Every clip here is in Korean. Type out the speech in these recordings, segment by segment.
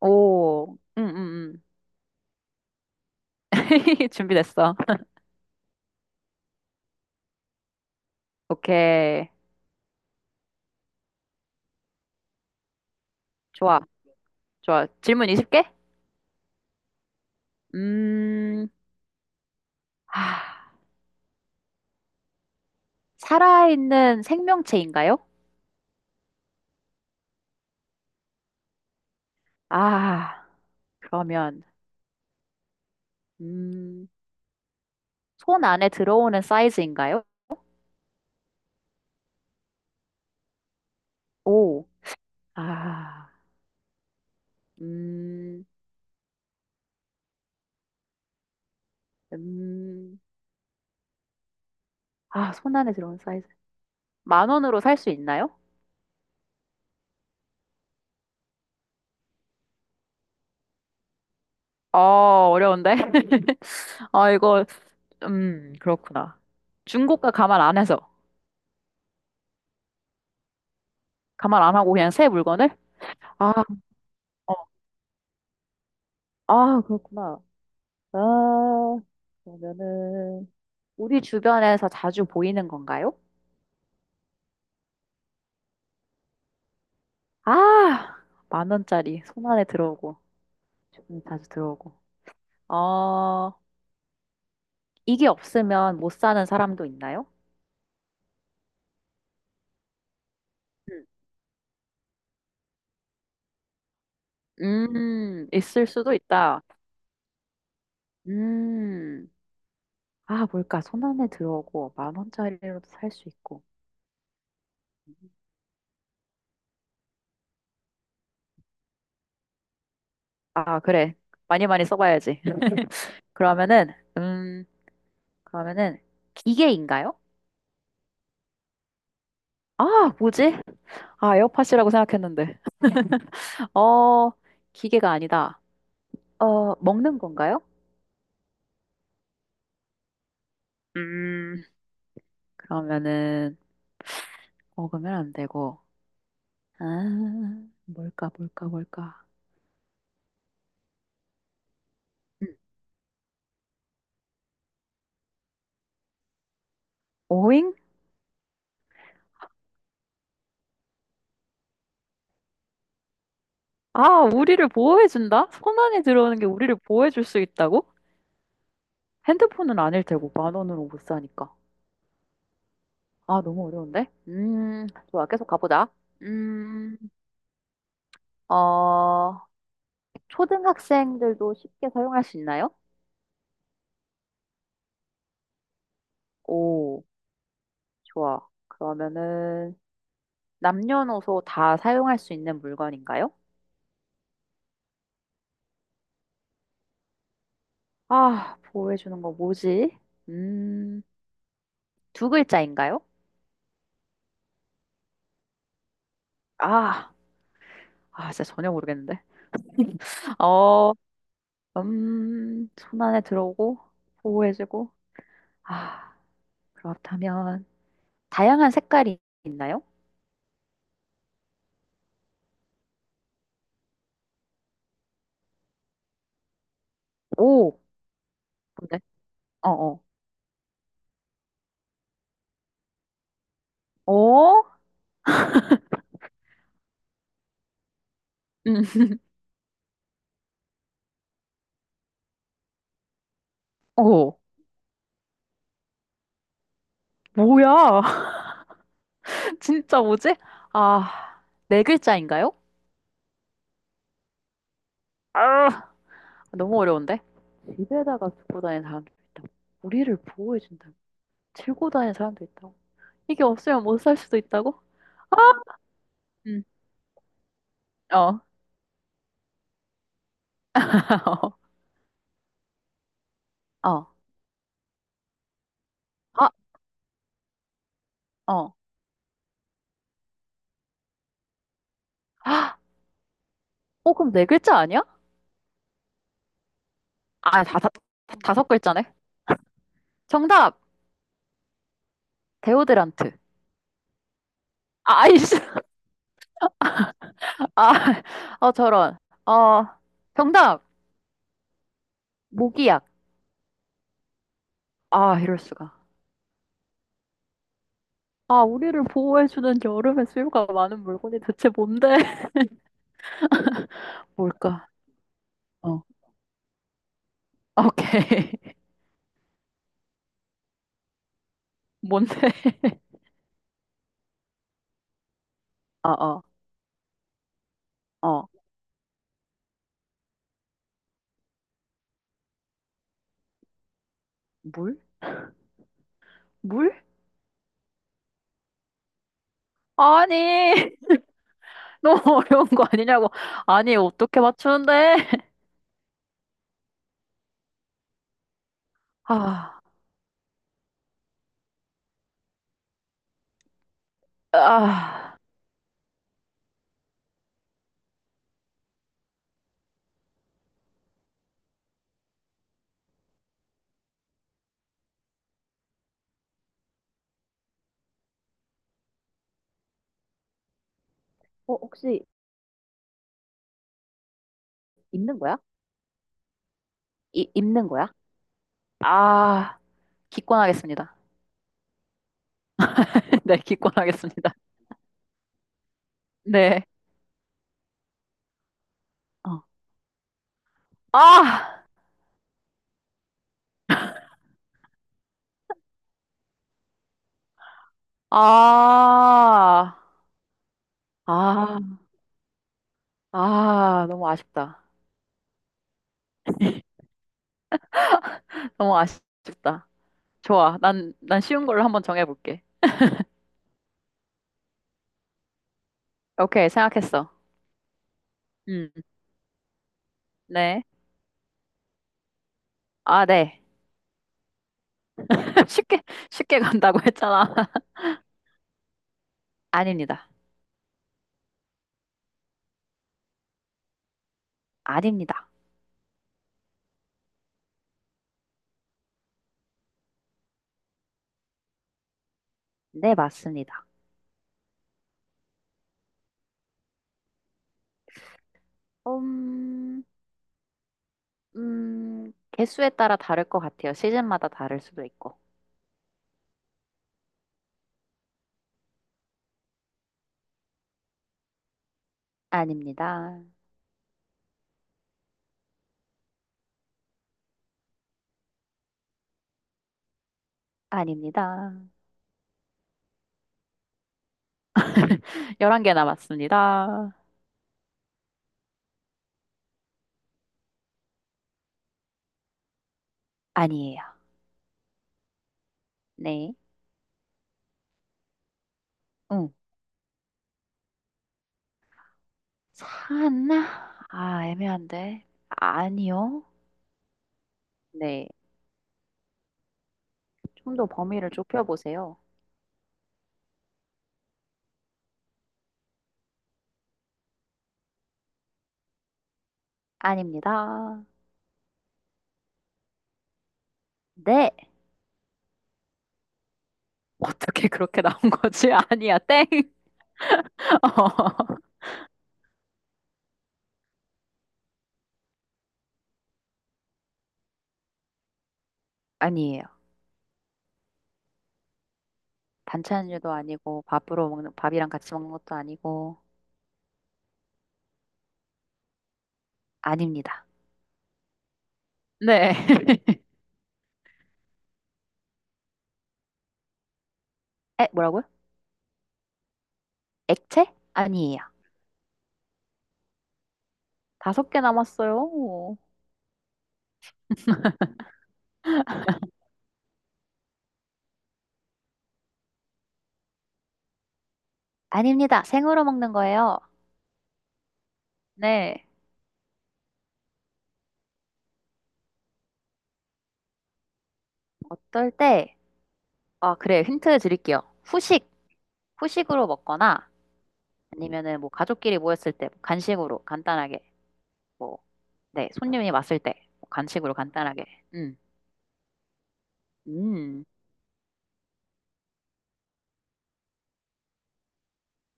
오, 응, 응, 응. 준비됐어. 오케이. 좋아, 좋아. 질문 20개? 음, 아, 살아있는 생명체인가요? 아, 그러면, 음, 손 안에 들어오는 사이즈인가요? 오, 아, 음, 음, 아, 손 안에 들어오는 사이즈. 만 원으로 살 수 있나요? 어, 어려운데? 아, 이거, 그렇구나. 중고가 감안 안 해서. 가말 안 하고 그냥 새 물건을? 아, 어, 아, 그렇구나. 아, 그러면은, 우리 주변에서 자주 보이는 건가요? 아, 만 원짜리 손 안에 들어오고, 주변에 자주 들어오고. 어, 이게 없으면 못 사는 사람도 있나요? 음, 있을 수도 있다. 음, 아, 뭘까? 손 안에 들어오고, 만 원짜리로도 살 수 있고. 아, 그래. 많이 많이 써봐야지. 그러면은, 그러면은, 기계인가요? 아, 뭐지? 아, 에어팟이라고 생각했는데. 어, 기계가 아니다. 어, 먹는 건가요? 음, 그러면은, 먹으면 안 되고. 아, 뭘까, 뭘까, 뭘까. 음, 오잉? 아, 우리를 보호해준다? 손 안에 들어오는 게 우리를 보호해줄 수 있다고? 핸드폰은 아닐 테고, 만 원으로 못 사니까. 아, 너무 어려운데? 좋아, 계속 가보자. 음, 어, 초등학생들도 쉽게 사용할 수 있나요? 오. 좋아. 그러면은 남녀노소 다 사용할 수 있는 물건인가요? 아, 보호해주는 거 뭐지? 음, 두 글자인가요? 아, 아, 진짜 전혀 모르겠는데. 어, 손 안에 들어오고, 보호해주고. 아, 그렇다면, 다양한 색깔이 있나요? 오, 뭔데? 어어. 어? 어? 음, 어. 뭐야? 진짜 뭐지? 아, 네 글자인가요? 아, 너무 어려운데? 집에다가 두고 다니는 사람도 있다고. 우리를 보호해준다고. 들고 다니는 사람도 있다고. 이게 없으면 못 살 수도 있다고? 아! 음, 어. 어. 아, 어. 아, 어, 그럼 네 글자 아니야? 아, 다섯 글자네. 정답! 데오드란트. 아, 아이씨. 아, 어, 저런. 어, 정답! 모기약. 아, 이럴 수가. 아, 우리를 보호해주는 여름에 수요가 많은 물건이 대체 뭔데? 뭘까? 어. 아, 오케이. 뭔데? 어, 어. 어, 물? 물? 아니, 너무 어려운 거 아니냐고. 아니, 어떻게 맞추는데? 아, 아, 어, 혹시 입는 거야? 입는 거야? 아, 기권하겠습니다. 네, 기권하겠습니다. 네. 어, 아, 아, 아, 아, 너무 아쉽다. 너무 아쉽다. 좋아. 난 쉬운 걸로 한번 정해볼게. 오케이, 생각했어. 음, 네. 아, 네. 쉽게, 쉽게 간다고 했잖아. 아닙니다. 아닙니다. 네, 맞습니다. 음, 개수에 따라 다를 것 같아요. 시즌마다 다를 수도 있고. 아닙니다. 아닙니다. 11개 남았습니다. 아니에요. 네. 응. 사나? 아, 애매한데. 아니요. 네. 좀 더 범위를 좁혀보세요. 아닙니다. 네. 어떻게 그렇게 나온 거지? 아니야, 땡. 어. 아니에요. 반찬류도 아니고 밥으로 먹는 밥이랑 같이 먹는 것도 아니고 아닙니다. 네. 에, 뭐라고요? 액체? 아니에요. 다섯 개 남았어요. 아닙니다. 생으로 먹는 거예요. 네. 어떨 때, 아, 그래. 힌트 드릴게요. 후식, 후식으로 먹거나 아니면은 뭐 가족끼리 모였을 때 뭐 간식으로 간단하게 뭐, 네. 손님이 왔을 때 뭐 간식으로 간단하게. 음. 음.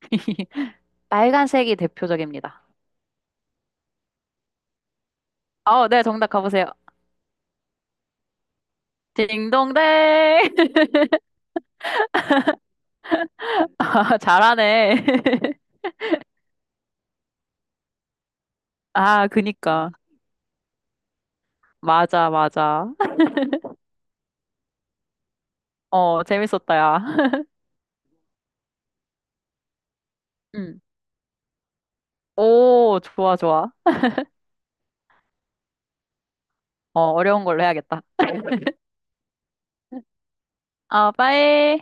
빨간색이 대표적입니다. 어, 네, 정답 가보세요. 딩동댕! 아, 잘하네. 아, 그니까. 맞아, 맞아. 어, 재밌었다, 야. 음. 오, 좋아, 좋아. 어, 어려운 걸로 해야겠다. 어, 빠이.